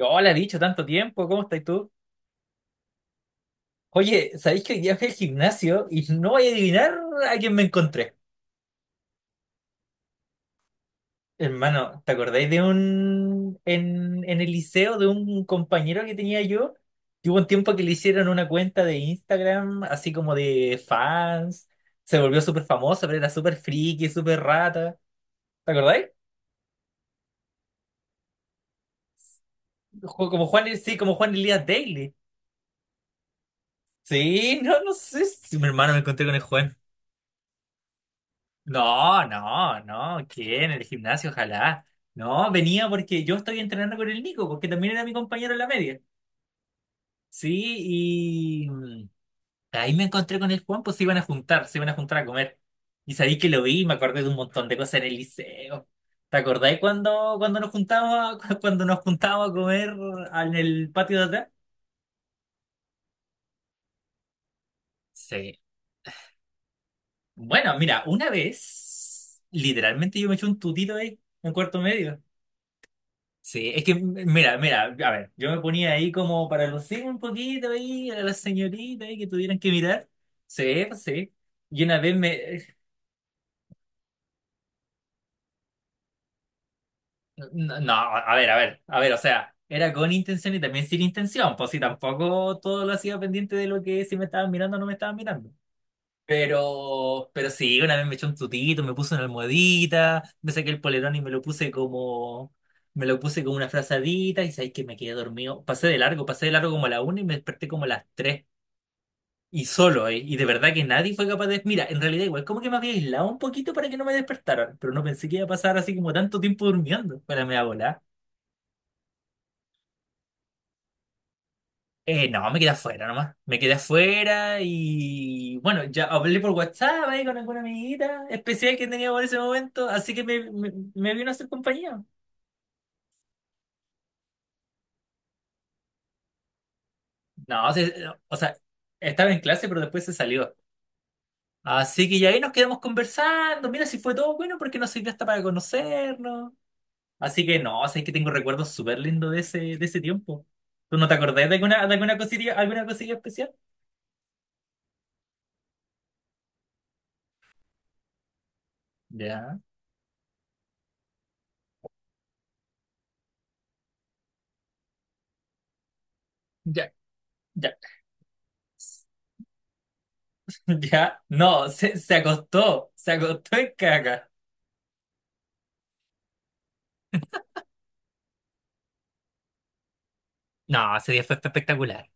Yo le he dicho tanto tiempo, ¿cómo estás tú? Oye, ¿sabéis que hoy día fui al gimnasio y no voy a adivinar a quién me encontré? Hermano, ¿te acordáis de un... en el liceo de un compañero que tenía yo? Que hubo un tiempo que le hicieron una cuenta de Instagram, así como de fans. Se volvió súper famoso, pero era súper friki, súper rata. ¿Te acordáis? Como Juan, sí, como Juan Elías Daily. Sí, no, no sé si mi hermano me encontré con el Juan. No, no, no, ¿qué? En el gimnasio, ojalá. No, venía porque yo estoy entrenando con el Nico, porque también era mi compañero en la media. Sí, y ahí me encontré con el Juan, pues se iban a juntar a comer. Y sabí que lo vi y me acordé de un montón de cosas en el liceo. ¿Te acordáis cuando, cuando nos juntábamos, cuando nos juntábamos a comer en el patio de atrás? Sí. Bueno, mira, una vez, literalmente yo me eché un tutito ahí, en cuarto medio. Sí, es que, mira, mira, a ver, yo me ponía ahí como para lucir un poquito ahí a las señoritas ahí que tuvieran que mirar. Sí, pues sí. Y una vez me... No, no, a ver, a ver, a ver, o sea, era con intención y también sin intención, pues sí, tampoco todo lo hacía pendiente de lo que si me estaban mirando o no me estaban mirando. Pero sí, una vez me eché un tutito, me puse una almohadita, me saqué el polerón y me lo puse como una frazadita y sabéis que me quedé dormido. Pasé de largo como a la una y me desperté como a las tres. Y solo, ¿eh? Y de verdad que nadie fue capaz de... Mira, en realidad igual, como que me había aislado un poquito para que no me despertaran, pero no pensé que iba a pasar así como tanto tiempo durmiendo para me volar. No, me quedé afuera nomás. Me quedé afuera y bueno, ya hablé por WhatsApp ahí con alguna amiguita especial que tenía por ese momento, así que me vino a hacer compañía. No, o sea, estaba en clase, pero después se salió. Así que ya ahí nos quedamos conversando. Mira, si fue todo bueno porque nos sirvió hasta para conocernos. Así que no, o sea, es que tengo recuerdos súper lindos de ese tiempo. ¿Tú no te acordás de alguna cosilla especial? Ya, ya, ya. Ya, no, se, se acostó en caca. No, ese día fue espectacular.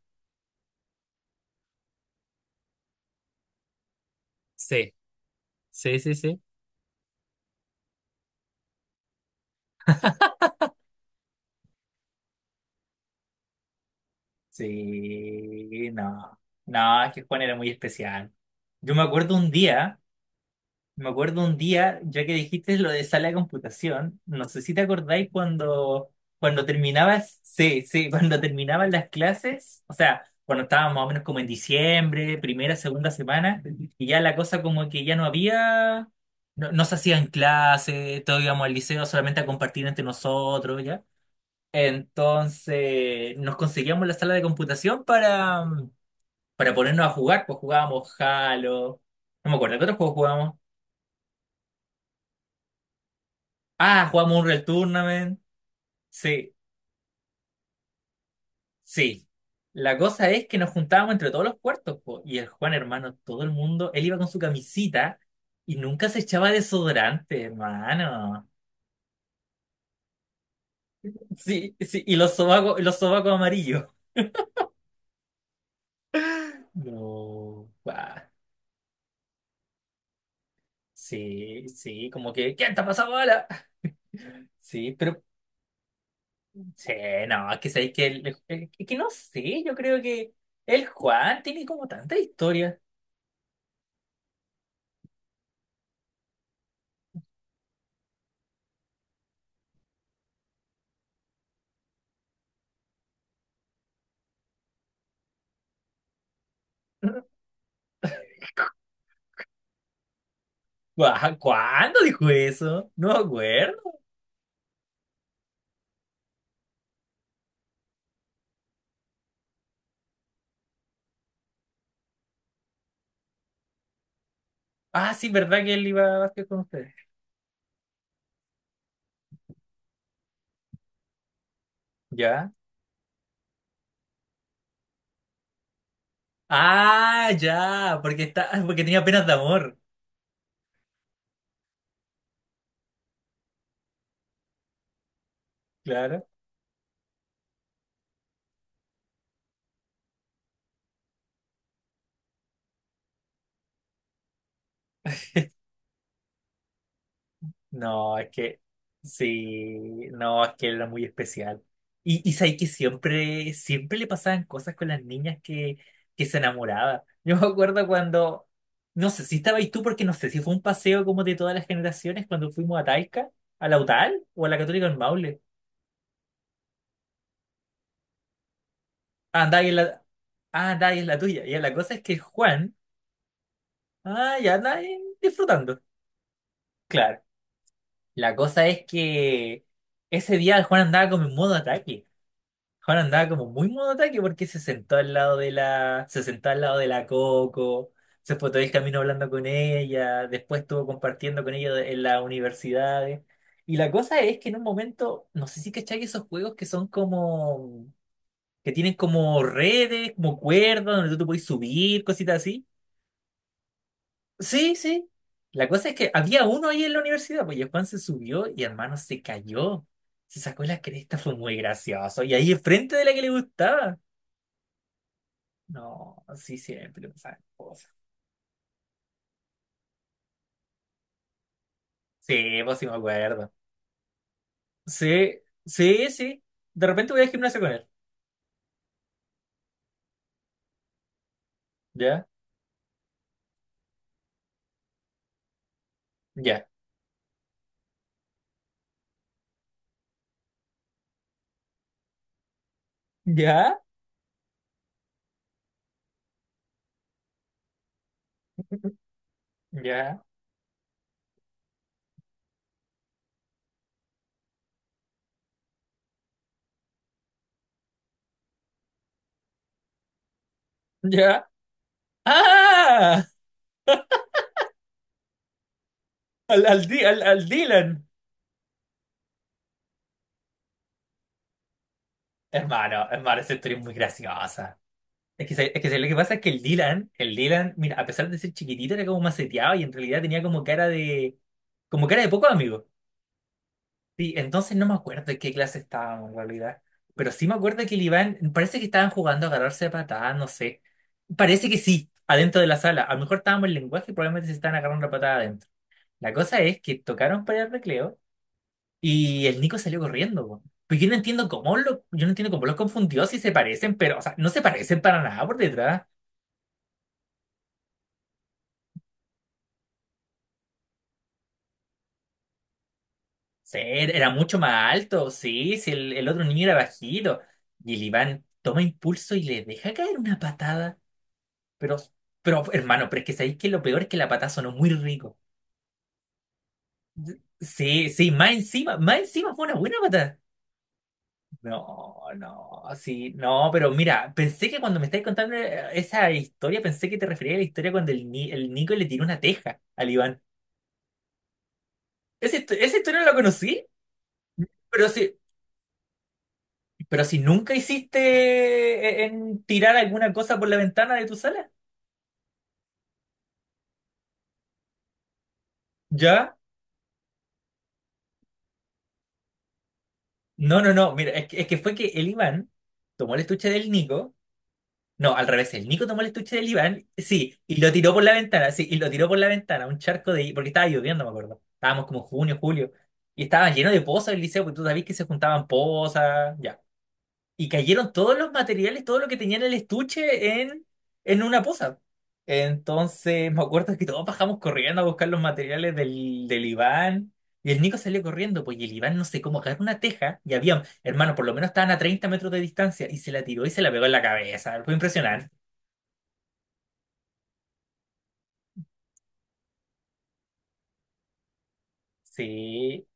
Sí, sí, sí, sí. Sí, no, no, es que Juan era muy especial. Yo me acuerdo un día. Me acuerdo un día, ya que dijiste lo de sala de computación, no sé si te acordáis cuando, sí, sí, cuando terminaban las clases, o sea, cuando estábamos más o menos como en diciembre, primera, segunda semana, y ya la cosa como que ya no había, no, no se hacían clases, todos íbamos al liceo solamente a compartir entre nosotros, ¿ya? Entonces nos conseguíamos la sala de computación para ponernos a jugar, pues jugábamos Halo, no me acuerdo, ¿qué otros juegos jugábamos? Ah, jugamos un Real Tournament. Sí, sí. La cosa es que nos juntábamos entre todos los puertos, po, y el Juan, hermano, todo el mundo, él iba con su camisita y nunca se echaba desodorante, hermano. Sí, sí, y los sobacos amarillos. No, bah. Sí, sí, como que, ¿quién te ha pasado bola? Sí, pero, sí, no, es que sabéis que, es que no sé, yo creo que el Juan tiene como tanta historia. Guau, ¿cuándo dijo eso? No me acuerdo. Ah, sí, ¿verdad que él iba a básquet con ustedes? ¿Ya? Ah, ya, porque está, porque tenía penas de amor. Claro. No, es que, sí, no, es que él era muy especial. Y sabes que siempre, siempre le pasaban cosas con las niñas que se enamoraba. Yo me acuerdo cuando, no sé si estabais tú, porque no sé si fue un paseo como de todas las generaciones cuando fuimos a Talca, a la UTAL o a la Católica en Maule. Ah, Dai es la, ah, Dai es la tuya. Ya, la cosa es que Juan, ah, ya Dai disfrutando. Claro. La cosa es que ese día el Juan andaba como en modo ataque. Juan andaba como muy modo ataque porque se sentó al lado de la Coco, se fue todo el camino hablando con ella, después estuvo compartiendo con ella en las universidades. Y la cosa es que en un momento, no sé si cachai esos juegos que son como, que tienen como redes, como cuerdas, donde tú te puedes subir, cositas así. Sí, sí. La cosa es que había uno ahí en la universidad, pues y el Juan se subió y hermano se cayó. Se sacó la cresta, fue muy gracioso. Y ahí enfrente de la que le gustaba. No, sí, siempre pasan cosas. Sí, pues sí me acuerdo. Sí, sí, sí. De repente voy al gimnasio con él. Ya, ya, ya, ya, ya. ¡Ah! Al Dylan. Hermano, hermano, esa historia es muy graciosa. Es que, lo que pasa es que el Dylan, mira, a pesar de ser chiquitito, era como maceteado y en realidad tenía como cara de poco amigo. Sí, entonces no me acuerdo de qué clase estábamos en realidad. Pero sí me acuerdo que el Iván, parece que estaban jugando a agarrarse a patadas, no sé. Parece que sí, adentro de la sala. A lo mejor estábamos en lenguaje y probablemente se estaban agarrando a patada adentro. La cosa es que tocaron para el recreo y el Nico salió corriendo, po. Pues yo no entiendo cómo lo, yo no entiendo cómo los confundió si se parecen, pero, o sea, no se parecen para nada por detrás. Sí, era mucho más alto, sí, sí, el otro niño era bajito. Y el Iván toma impulso y le deja caer una patada. Pero, pero hermano, pero es que sabéis que lo peor es que la patada sonó muy rico. Sí, sí, más encima fue una buena patada. No, no, sí, no, pero mira, pensé que cuando me estáis contando esa historia, pensé que te referías a la historia cuando el, Ni- el Nico le tiró una teja al Iván. Esa historia no la conocí, pero sí. Pero si nunca hiciste en tirar alguna cosa por la ventana de tu sala, ¿ya? No, no, no, mira, es que fue que el Iván tomó el estuche del Nico, no, al revés, el Nico tomó el estuche del Iván, sí, y lo tiró por la ventana, sí, y lo tiró por la ventana, un charco de, porque estaba lloviendo, me acuerdo, estábamos como junio, julio, y estaba lleno de pozas el liceo, porque tú sabías que se juntaban pozas, ya. Y cayeron todos los materiales, todo lo que tenía en el estuche en una poza. Entonces, me acuerdo que todos bajamos corriendo a buscar los materiales del Iván. Y el Nico salió corriendo, pues, y el Iván no sé cómo agarró una teja. Y había, hermano, por lo menos estaban a 30 metros de distancia. Y se la tiró y se la pegó en la cabeza. Fue impresionante. Sí,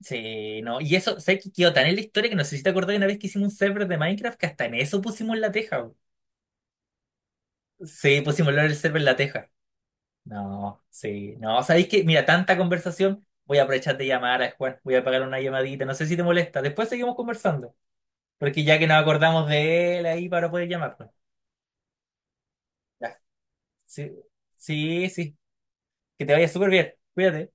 sí, no. Y eso, sé que quedó tan en la historia que no sé si te acordás de una vez que hicimos un server de Minecraft que hasta en eso pusimos la teja. Sí, pusimos el server en la teja. No, sí, no, ¿sabéis que, Mira, tanta conversación, voy a aprovechar de llamar a Juan, voy a pagar una llamadita, no sé si te molesta, después seguimos conversando, porque ya que nos acordamos de él ahí para poder llamarlo. Ya, sí, sí, sí, que te vaya súper bien, cuídate.